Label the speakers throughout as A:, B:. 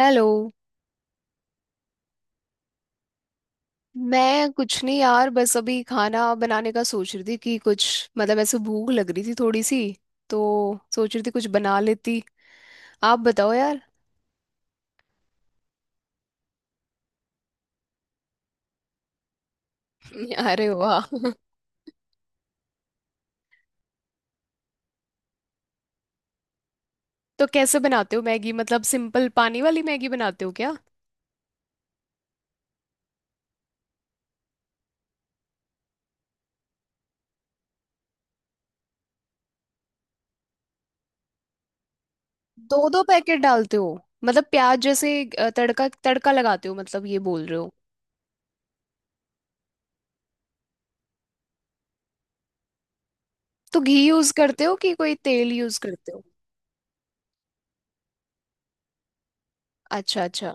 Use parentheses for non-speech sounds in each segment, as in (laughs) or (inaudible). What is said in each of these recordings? A: Hello. मैं कुछ नहीं यार, बस अभी खाना बनाने का सोच रही थी कि कुछ मतलब ऐसे भूख लग रही थी थोड़ी सी, तो सोच रही थी कुछ बना लेती। आप बताओ यार। (laughs) अरे वाह। तो कैसे बनाते हो मैगी, मतलब सिंपल पानी वाली मैगी बनाते हो क्या? दो दो पैकेट डालते हो? मतलब प्याज जैसे तड़का तड़का लगाते हो, मतलब ये बोल रहे हो? तो घी यूज करते हो कि कोई तेल यूज करते हो? अच्छा अच्छा।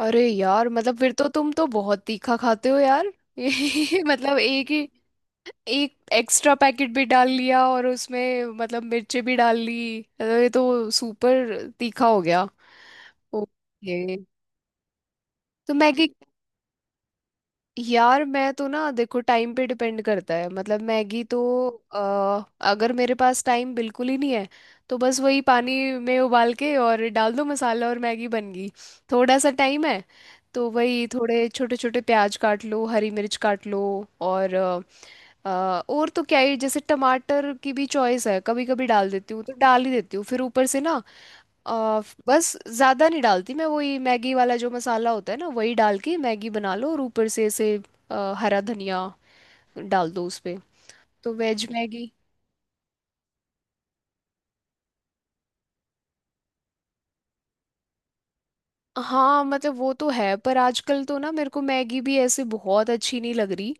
A: अरे यार, मतलब फिर तो तुम तो बहुत तीखा खाते हो यार। (laughs) ये मतलब एक ही, एक एक्स्ट्रा पैकेट भी डाल लिया और उसमें मतलब मिर्ची भी डाल ली, अरे ये तो सुपर तीखा हो गया। ओके। तो मैगी, यार मैं तो ना देखो टाइम पे डिपेंड करता है, मतलब मैगी तो अ, अगर मेरे पास टाइम बिल्कुल ही नहीं है तो बस वही पानी में उबाल के और डाल दो मसाला और मैगी बन गई। थोड़ा सा टाइम है तो वही थोड़े छोटे छोटे प्याज काट लो, हरी मिर्च काट लो और अ, और तो क्या ही, जैसे टमाटर की भी चॉइस है, कभी कभी डाल देती हूँ तो डाल ही देती हूँ फिर ऊपर से ना। अ, बस ज़्यादा नहीं डालती मैं, वही मैगी वाला जो मसाला होता है ना, वही डाल के मैगी बना लो और ऊपर से ऐसे हरा धनिया डाल दो उस पे, तो वेज मैगी। हाँ मतलब वो तो है, पर आजकल तो ना मेरे को मैगी भी ऐसे बहुत अच्छी नहीं लग रही।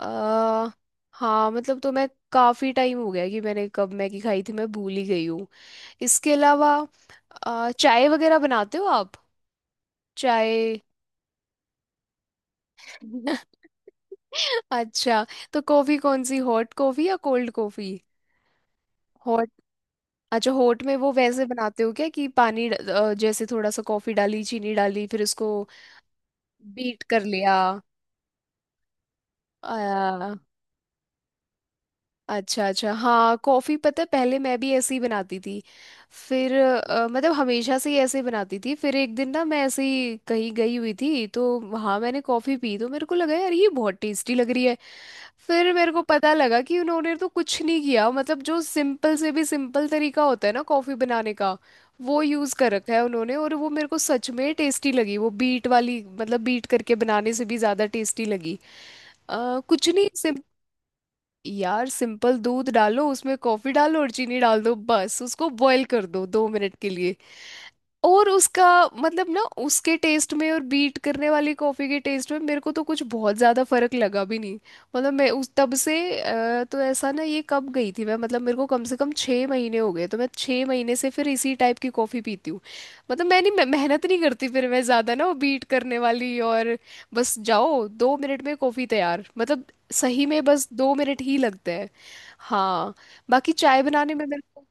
A: आ, हाँ मतलब, तो मैं काफ़ी टाइम हो गया कि मैंने कब मैगी खाई थी, मैं भूल ही गई हूँ। इसके अलावा चाय वगैरह बनाते हो आप? चाय। (laughs) अच्छा, तो कॉफी कौन सी, हॉट कॉफी या कोल्ड कॉफी? हॉट। अच्छा हॉट में वो वैसे बनाते हो क्या कि पानी जैसे थोड़ा सा कॉफी डाली, चीनी डाली, फिर उसको बीट कर लिया? अच्छा अच्छा। हाँ कॉफ़ी पता है पहले मैं भी ऐसे ही बनाती थी। फिर मतलब हमेशा से ही ऐसे बनाती थी, फिर एक दिन ना मैं ऐसे ही कहीं गई हुई थी तो वहाँ मैंने कॉफ़ी पी तो मेरे को लगा यार ये बहुत टेस्टी लग रही है। फिर मेरे को पता लगा कि उन्होंने तो कुछ नहीं किया, मतलब जो सिंपल से भी सिंपल तरीका होता है ना कॉफ़ी बनाने का वो यूज़ कर रखा है उन्होंने, और वो मेरे को सच में टेस्टी लगी, वो बीट वाली मतलब बीट करके बनाने से भी ज़्यादा टेस्टी लगी। कुछ नहीं, यार सिंपल दूध डालो, उसमें कॉफी डालो और चीनी डाल दो, बस उसको बॉईल कर दो 2 मिनट के लिए और उसका मतलब ना, उसके टेस्ट में और बीट करने वाली कॉफ़ी के टेस्ट में मेरे को तो कुछ बहुत ज़्यादा फर्क लगा भी नहीं। मतलब मैं उस तब से तो ऐसा ना, ये कब गई थी मैं, मतलब मेरे को कम से कम 6 महीने हो गए, तो मैं 6 महीने से फिर इसी टाइप की कॉफ़ी पीती हूँ। मतलब मैं नहीं, मैं मेहनत नहीं करती फिर, मैं ज़्यादा ना वो बीट करने वाली और, बस जाओ 2 मिनट में कॉफ़ी तैयार, मतलब सही में बस 2 मिनट ही लगते हैं। हाँ बाकी चाय बनाने में मेरे को,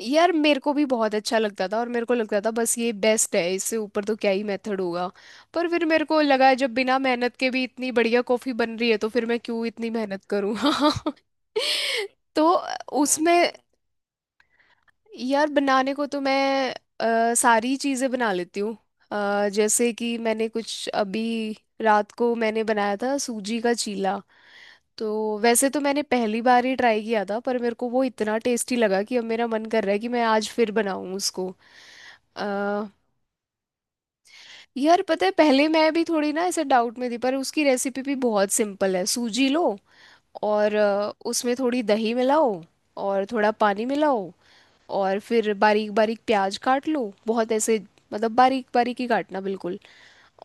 A: यार मेरे को भी बहुत अच्छा लगता था और मेरे को लगता था बस ये बेस्ट है, इससे ऊपर तो क्या ही मेथड होगा, पर फिर मेरे को लगा जब बिना मेहनत के भी इतनी बढ़िया कॉफी बन रही है तो फिर मैं क्यों इतनी मेहनत करूँ। (laughs) तो उसमें, यार बनाने को तो मैं सारी चीज़ें बना लेती हूँ। जैसे कि मैंने कुछ अभी, रात को मैंने बनाया था सूजी का चीला, तो वैसे तो मैंने पहली बार ही ट्राई किया था पर मेरे को वो इतना टेस्टी लगा कि अब मेरा मन कर रहा है कि मैं आज फिर बनाऊं उसको। अ, यार पता है, पहले मैं भी थोड़ी ना ऐसे डाउट में थी, पर उसकी रेसिपी भी बहुत सिंपल है। सूजी लो और उसमें थोड़ी दही मिलाओ और थोड़ा पानी मिलाओ, और फिर बारीक बारीक प्याज काट लो, बहुत ऐसे मतलब बारीक बारीक ही काटना बिल्कुल।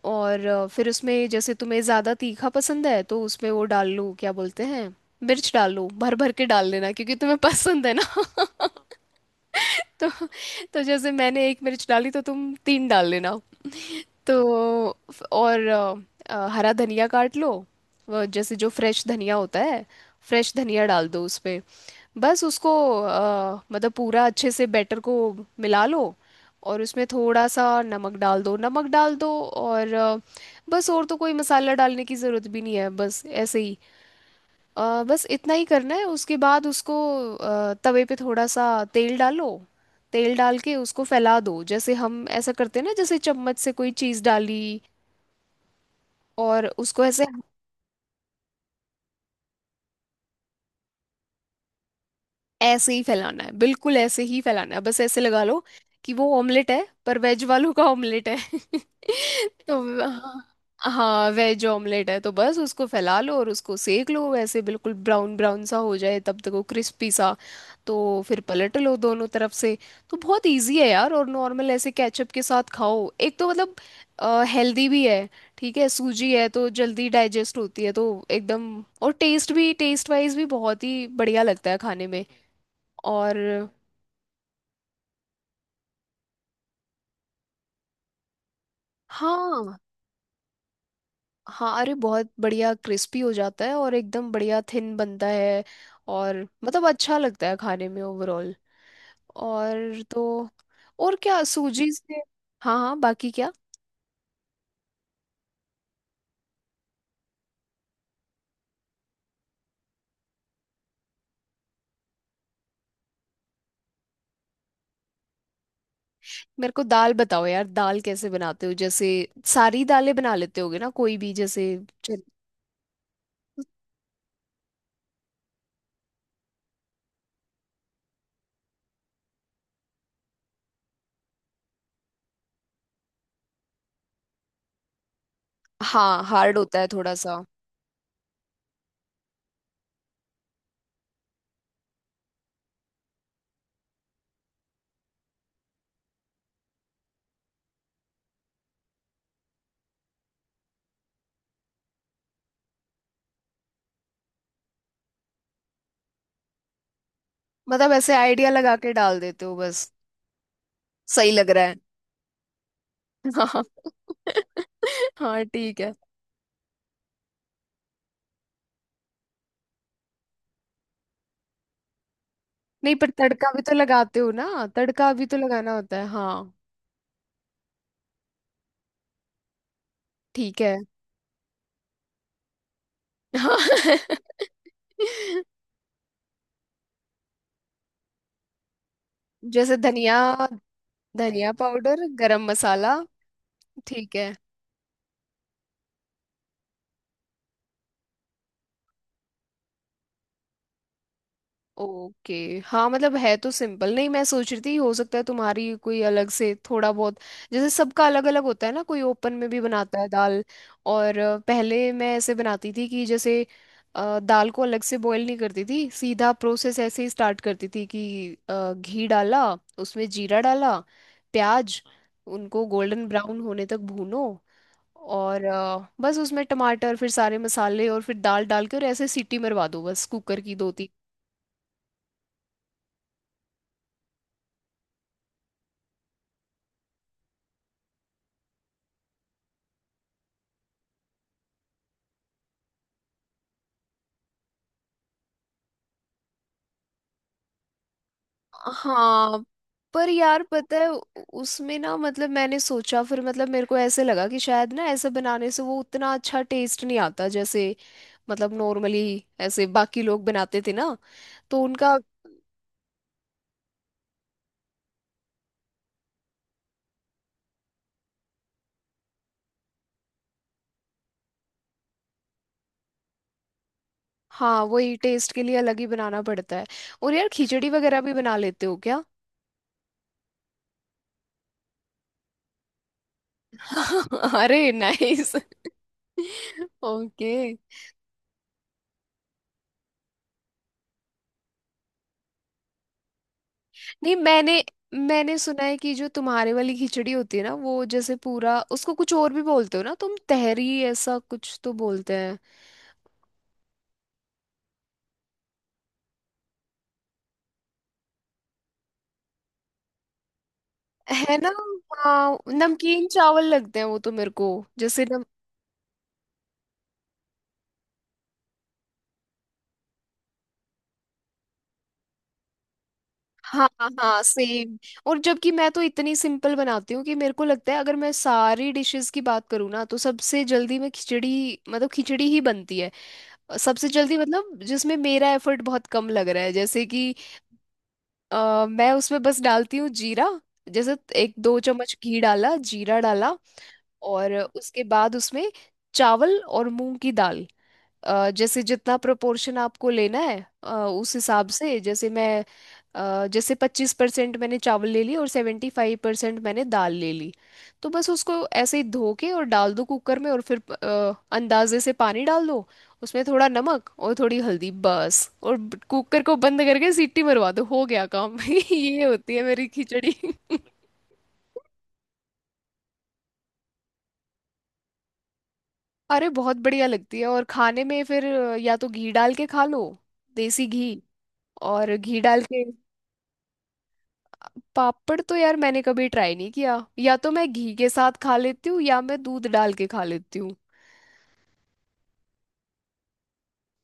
A: और फिर उसमें, जैसे तुम्हें ज़्यादा तीखा पसंद है तो उसमें वो डाल लो क्या बोलते हैं, मिर्च डाल लो, भर भर के डाल लेना क्योंकि तुम्हें पसंद है ना। (laughs) (laughs) तो तो जैसे मैंने एक मिर्च डाली तो तुम तीन डाल लेना। तो और हरा धनिया काट लो, वो जैसे जो फ्रेश धनिया होता है, फ्रेश धनिया डाल दो उस पे। बस उसको मतलब पूरा अच्छे से बैटर को मिला लो, और उसमें थोड़ा सा नमक डाल दो, नमक डाल दो और बस, और तो कोई मसाला डालने की ज़रूरत भी नहीं है, बस ऐसे ही। बस इतना ही करना है, उसके बाद उसको तवे पे थोड़ा सा तेल डालो, तेल डाल के उसको फैला दो, जैसे हम ऐसा करते हैं ना, जैसे चम्मच से कोई चीज़ डाली और उसको ऐसे, ऐसे ही फैलाना है, बिल्कुल ऐसे ही फैलाना है, बस ऐसे लगा लो कि वो ऑमलेट है, पर वेज वालों का ऑमलेट है। (laughs) तो हाँ, हाँ वेज ऑमलेट है। तो बस उसको फैला लो और उसको सेक लो ऐसे बिल्कुल, ब्राउन ब्राउन सा हो जाए तब तक, वो क्रिस्पी सा, तो फिर पलट लो दोनों तरफ से। तो बहुत इजी है यार, और नॉर्मल ऐसे केचप के साथ खाओ, एक तो मतलब हेल्दी भी है, ठीक है सूजी है तो जल्दी डाइजेस्ट होती है, तो एकदम। और टेस्ट भी, टेस्ट वाइज भी बहुत ही बढ़िया लगता है खाने में। और हाँ हाँ, अरे बहुत बढ़िया क्रिस्पी हो जाता है, और एकदम बढ़िया थिन बनता है। और मतलब अच्छा लगता है खाने में ओवरऑल। और तो, और क्या सूजी से, हाँ हाँ बाकी क्या। मेरे को दाल बताओ यार, दाल कैसे बनाते हो, जैसे सारी दालें बना लेते होगे ना कोई भी, जैसे चन- हाँ हार्ड होता है थोड़ा सा। मतलब ऐसे आइडिया लगा के डाल देते हो बस? सही लग रहा है। (laughs) हाँ। हाँ ठीक है। नहीं पर तड़का भी तो लगाते हो ना, तड़का भी तो लगाना होता है, हाँ। ठीक है। हाँ। (laughs) जैसे धनिया, धनिया पाउडर, गरम मसाला। ठीक है। ओके। हाँ मतलब है तो सिंपल, नहीं मैं सोच रही थी हो सकता है तुम्हारी कोई अलग से थोड़ा बहुत, जैसे सबका अलग अलग होता है ना, कोई ओपन में भी बनाता है दाल। और पहले मैं ऐसे बनाती थी कि जैसे दाल को अलग से बॉईल नहीं करती थी, सीधा प्रोसेस ऐसे ही स्टार्ट करती थी कि घी डाला, उसमें जीरा डाला, प्याज, उनको गोल्डन ब्राउन होने तक भूनो, और बस उसमें टमाटर, फिर सारे मसाले, और फिर दाल डाल के, और ऐसे सीटी मरवा दो बस कुकर की दो तीन। हाँ पर यार पता है उसमें ना मतलब मैंने सोचा, फिर मतलब मेरे को ऐसे लगा कि शायद ना ऐसे बनाने से वो उतना अच्छा टेस्ट नहीं आता जैसे, मतलब नॉर्मली ऐसे बाकी लोग बनाते थे ना, तो उनका, हाँ वही टेस्ट के लिए अलग ही बनाना पड़ता है। और यार खिचड़ी वगैरह भी बना लेते हो क्या? (laughs) अरे नाइस। ओके। नहीं मैंने, मैंने सुना है कि जो तुम्हारे वाली खिचड़ी होती है ना वो जैसे पूरा, उसको कुछ और भी बोलते हो ना तुम, तहरी ऐसा कुछ तो बोलते हैं। है ना? हाँ नमकीन चावल लगते हैं वो तो मेरे को, जैसे नम, हाँ हाँ सेम। और जबकि मैं तो इतनी सिंपल बनाती हूँ कि मेरे को लगता है अगर मैं सारी डिशेस की बात करूँ ना, तो सबसे जल्दी मैं खिचड़ी, मतलब खिचड़ी ही बनती है सबसे जल्दी, मतलब जिसमें मेरा एफर्ट बहुत कम लग रहा है, जैसे कि मैं उसमें बस डालती हूँ जीरा, जैसे एक दो चम्मच घी डाला, जीरा डाला, और उसके बाद उसमें चावल और मूंग की दाल, जैसे जितना प्रोपोर्शन आपको लेना है उस हिसाब से, जैसे मैं जैसे 25% मैंने चावल ले ली और 75% मैंने दाल ले ली, तो बस उसको ऐसे ही धो के और डाल दो कुकर में, और फिर अंदाजे से पानी डाल दो, उसमें थोड़ा नमक और थोड़ी हल्दी बस, और कुकर को बंद करके सीटी मरवा दो, हो गया काम। (laughs) ये होती है मेरी खिचड़ी। (laughs) अरे बहुत बढ़िया लगती है, और खाने में फिर या तो घी डाल के खा लो, देसी घी, और घी डाल के, पापड़ तो यार मैंने कभी ट्राई नहीं किया, या तो मैं घी के साथ खा लेती हूँ या मैं दूध डाल के खा लेती हूँ।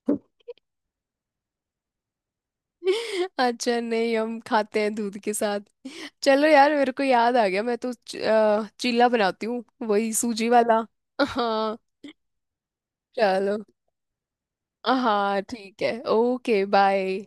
A: (laughs) अच्छा नहीं, हम खाते हैं दूध के साथ। चलो यार मेरे को याद आ गया, मैं तो चिल्ला बनाती हूँ, वही सूजी वाला। (laughs) हाँ। चलो। हाँ ठीक है, ओके बाय।